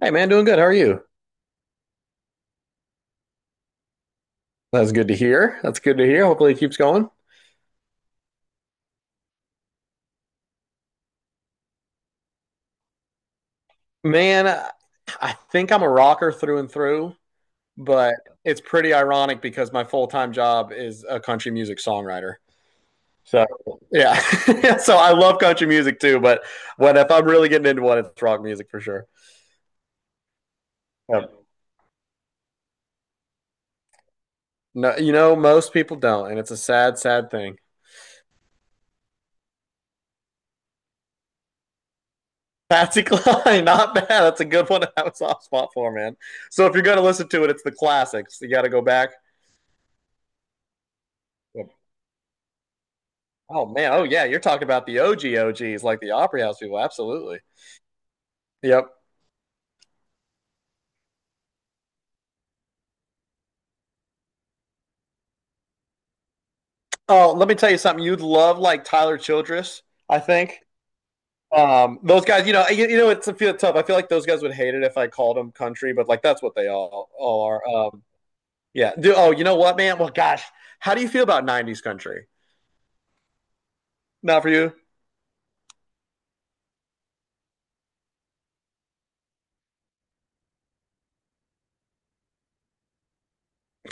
Hey man, doing good. How are you? That's good to hear. That's good to hear. Hopefully it keeps going. Man, I think I'm a rocker through and through, but it's pretty ironic because my full-time job is a country music songwriter. So, yeah. So I love country music too, but when if I'm really getting into one, it's rock music for sure. Yep. No, most people don't, and it's a sad, sad thing. Patsy Cline, not bad. That's a good one to have a soft spot for, man. So if you're gonna listen to it, it's the classics. You got to go back. Oh man, oh yeah, you're talking about the OG OGs, like the Opry House people. Absolutely. Yep. Oh, let me tell you something. You'd love like Tyler Childress, I think. Those guys, it's a feel tough. I feel like those guys would hate it if I called them country, but like that's what they all are. Yeah. Oh, you know what, man? Well, gosh, how do you feel about '90s country? Not for you.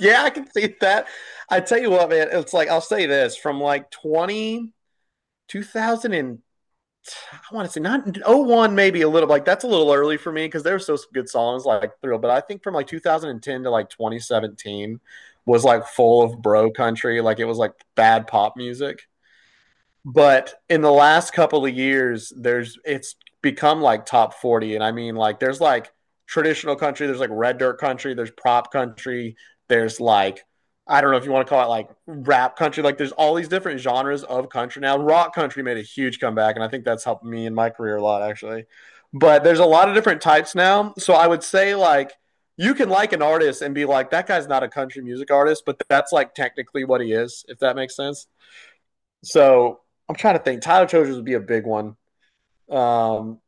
Yeah, I can see that. I tell you what, man, it's like I'll say this from like 2000, and I want to say not oh one, maybe a little, like that's a little early for me because there were still some good songs like thrill, but I think from like 2010 to like 2017 was like full of bro country, like it was like bad pop music. But in the last couple of years there's it's become like top 40. And I mean like there's like traditional country, there's like red dirt country, there's prop country, there's like, I don't know if you want to call it like rap country. Like there's all these different genres of country now. Rock country made a huge comeback, and I think that's helped me in my career a lot actually. But there's a lot of different types now, so I would say like you can like an artist and be like, that guy's not a country music artist, but that's like technically what he is, if that makes sense. So I'm trying to think. Tyler Childers would be a big one. Um,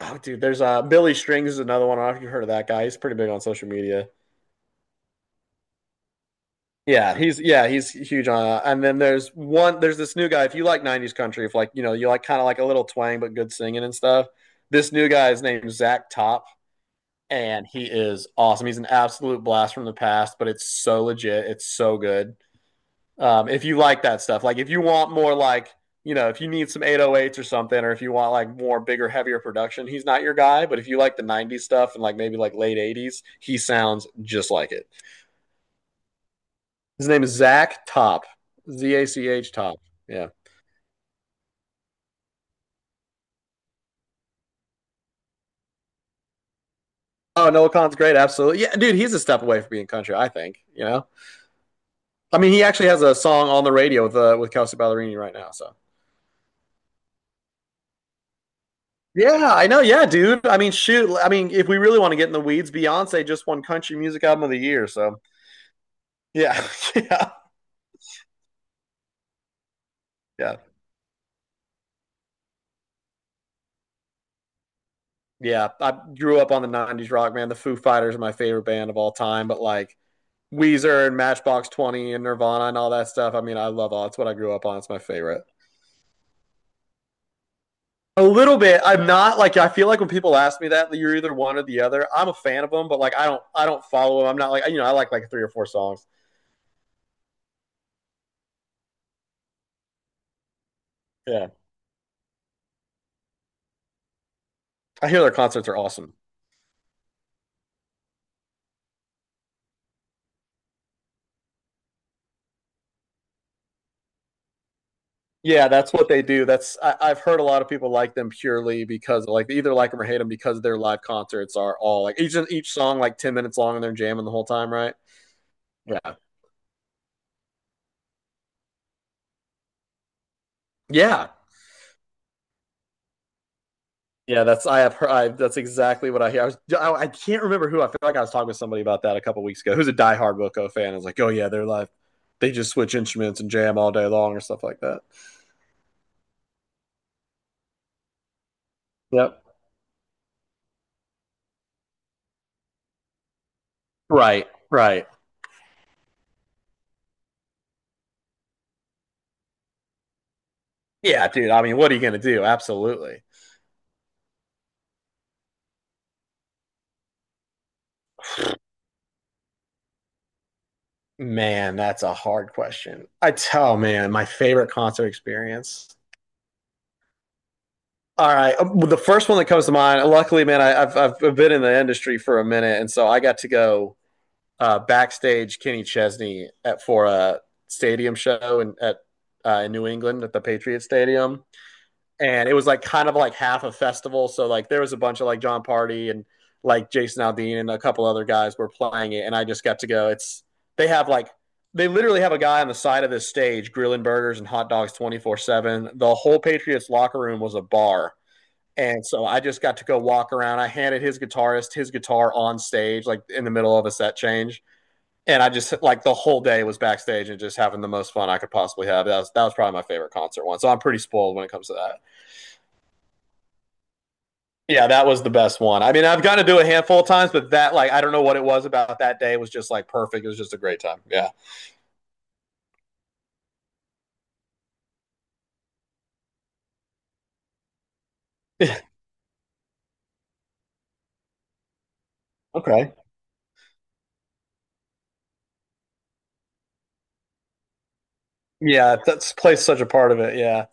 oh, dude, there's Billy Strings is another one. I don't know if you heard of that guy. He's pretty big on social media. Yeah, he's huge on. And then there's one. There's this new guy. If you like '90s country, if like you know you like kind of like a little twang but good singing and stuff. This new guy is named Zach Top, and he is awesome. He's an absolute blast from the past, but it's so legit. It's so good. If you like that stuff, like if you want more, like you know, if you need some 808s or something, or if you want like more bigger, heavier production, he's not your guy. But if you like the '90s stuff and like maybe like late '80s, he sounds just like it. His name is Zach Top, Zach Top. Yeah. Oh, Noah Khan's great. Absolutely. Yeah, dude, he's a step away from being country, I think. You know, I mean, he actually has a song on the radio with with Kelsey Ballerini right now. So yeah, I know. Yeah, dude. I mean, shoot. I mean, if we really want to get in the weeds, Beyonce just won Country Music Album of the Year. So yeah, yeah, yeah, yeah. I grew up on the '90s rock, man. The Foo Fighters are my favorite band of all time, but like Weezer and Matchbox Twenty and Nirvana and all that stuff. I mean, I love all. It's what I grew up on. It's my favorite. A little bit. I'm not like I feel like when people ask me that you're either one or the other. I'm a fan of them, but like I don't follow them. I'm not like you know I like three or four songs. Yeah, I hear their concerts are awesome. Yeah, that's what they do. I've heard a lot of people like them purely because like they either like them or hate them because their live concerts are all like each song like 10 minutes long and they're jamming the whole time, right? Yeah, yeah, yeah. That's I have heard. That's exactly what I hear. I can't remember who. I feel like I was talking with somebody about that a couple weeks ago. Who's a diehard Wilco fan? I was like, oh yeah, they're live. They just switch instruments and jam all day long or stuff like that. Yep. Right. Right. Yeah, dude. I mean, what are you gonna do? Absolutely. Man, that's a hard question. Man, my favorite concert experience. All right, well, the first one that comes to mind. Luckily, man, I've been in the industry for a minute, and so I got to go backstage Kenny Chesney at for a stadium show in New England at the Patriot Stadium, and it was like kind of like half a festival. So like there was a bunch of like John Party and like Jason Aldean and a couple other guys were playing it, and I just got to go. It's they have like they literally have a guy on the side of this stage grilling burgers and hot dogs 24/7. The whole Patriots locker room was a bar. And so I just got to go walk around. I handed his guitarist his guitar on stage, like in the middle of a set change. And I just like the whole day was backstage and just having the most fun I could possibly have. That was probably my favorite concert one. So I'm pretty spoiled when it comes to that. Yeah, that was the best one. I mean, I've got to do a handful of times, but that, like, I don't know what it was about that day. It was just like perfect. It was just a great time. Yeah. Okay. Yeah, that's plays such a part of it. Yeah.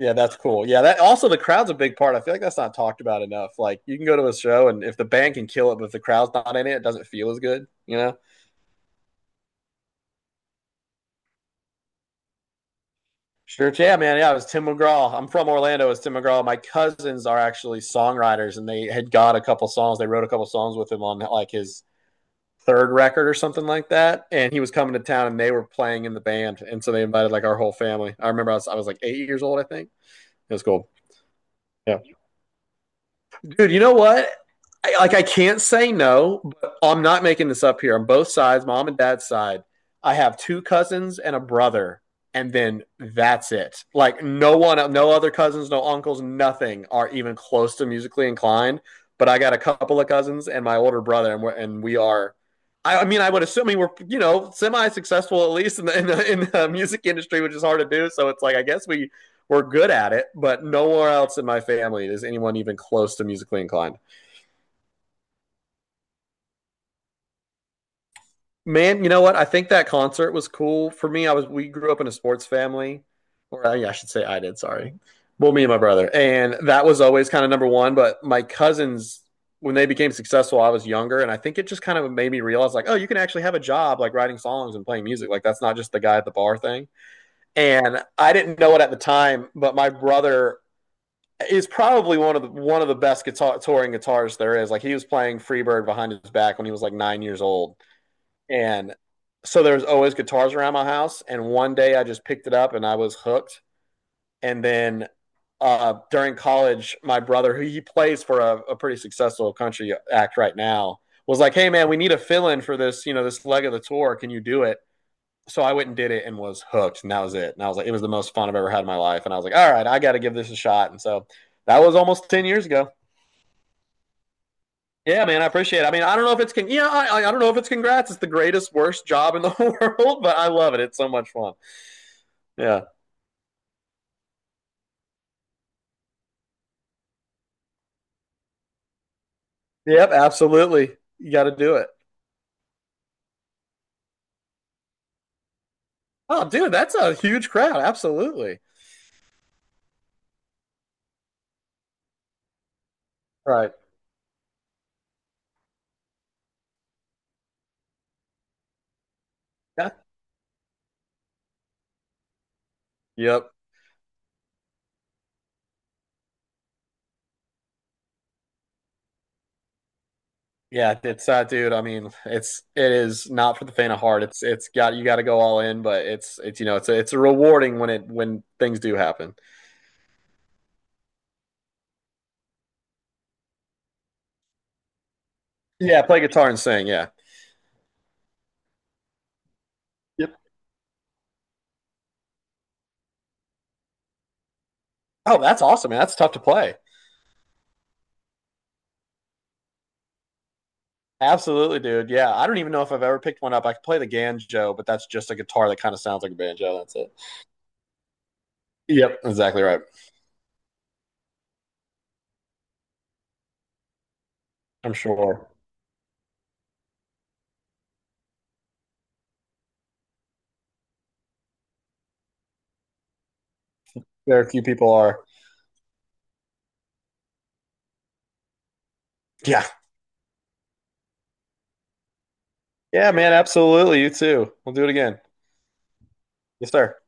Yeah, that's cool. Yeah, that also the crowd's a big part. I feel like that's not talked about enough. Like, you can go to a show and if the band can kill it, but if the crowd's not in it, it doesn't feel as good, you know? Sure. Yeah, man. Yeah, it was Tim McGraw. I'm from Orlando. It's Tim McGraw. My cousins are actually songwriters, and they had got a couple songs. They wrote a couple songs with him on like his third record or something like that. And he was coming to town and they were playing in the band. And so they invited like our whole family. I remember I was like 8 years old, I think. It was cool. Yeah. Dude, you know what? Like I can't say no, but I'm not making this up here. On both sides, mom and dad's side, I have two cousins and a brother, and then that's it. Like no one, no other cousins, no uncles, nothing are even close to musically inclined. But I got a couple of cousins and my older brother, and we are. I mean, I would assume we were, semi-successful at least in the music industry, which is hard to do. So it's like I guess we were good at it, but nowhere else in my family is anyone even close to musically inclined. Man, you know what? I think that concert was cool for me. I was we grew up in a sports family, or yeah, I should say I did. Sorry, well, me and my brother, and that was always kind of number one. But my cousins, when they became successful, I was younger, and I think it just kind of made me realize like, oh, you can actually have a job like writing songs and playing music. Like that's not just the guy at the bar thing. And I didn't know it at the time, but my brother is probably one of the best guitar touring guitarists there is. Like he was playing Freebird behind his back when he was like 9 years old, and so there was always guitars around my house. And one day I just picked it up and I was hooked. And then during college, my brother, who he plays for a pretty successful country act right now, was like, "Hey man, we need a fill-in for this, this leg of the tour. Can you do it?" So I went and did it and was hooked, and that was it. And I was like, it was the most fun I've ever had in my life. And I was like, all right, I got to give this a shot. And so that was almost 10 years ago. Yeah, man, I appreciate it. I mean, I don't know if yeah, I don't know if it's congrats. It's the greatest worst job in the world, but I love it. It's so much fun. Yeah. Yep, absolutely. You got to do it. Oh, dude, that's a huge crowd. Absolutely. Right. Yeah. Yep. Yeah, it's dude. I mean, it is not for the faint of heart. It's got you got to go all in, but it's it's a rewarding when it when things do happen. Yeah, play guitar and sing. Yeah. Yep. Oh, that's awesome, man. That's tough to play. Absolutely, dude. Yeah, I don't even know if I've ever picked one up. I could play the banjo, but that's just a guitar that kind of sounds like a banjo. That's it. Yep, exactly right. I'm sure very few people are. Yeah, yeah, man. Absolutely, you too. We'll do it again. Yes, sir.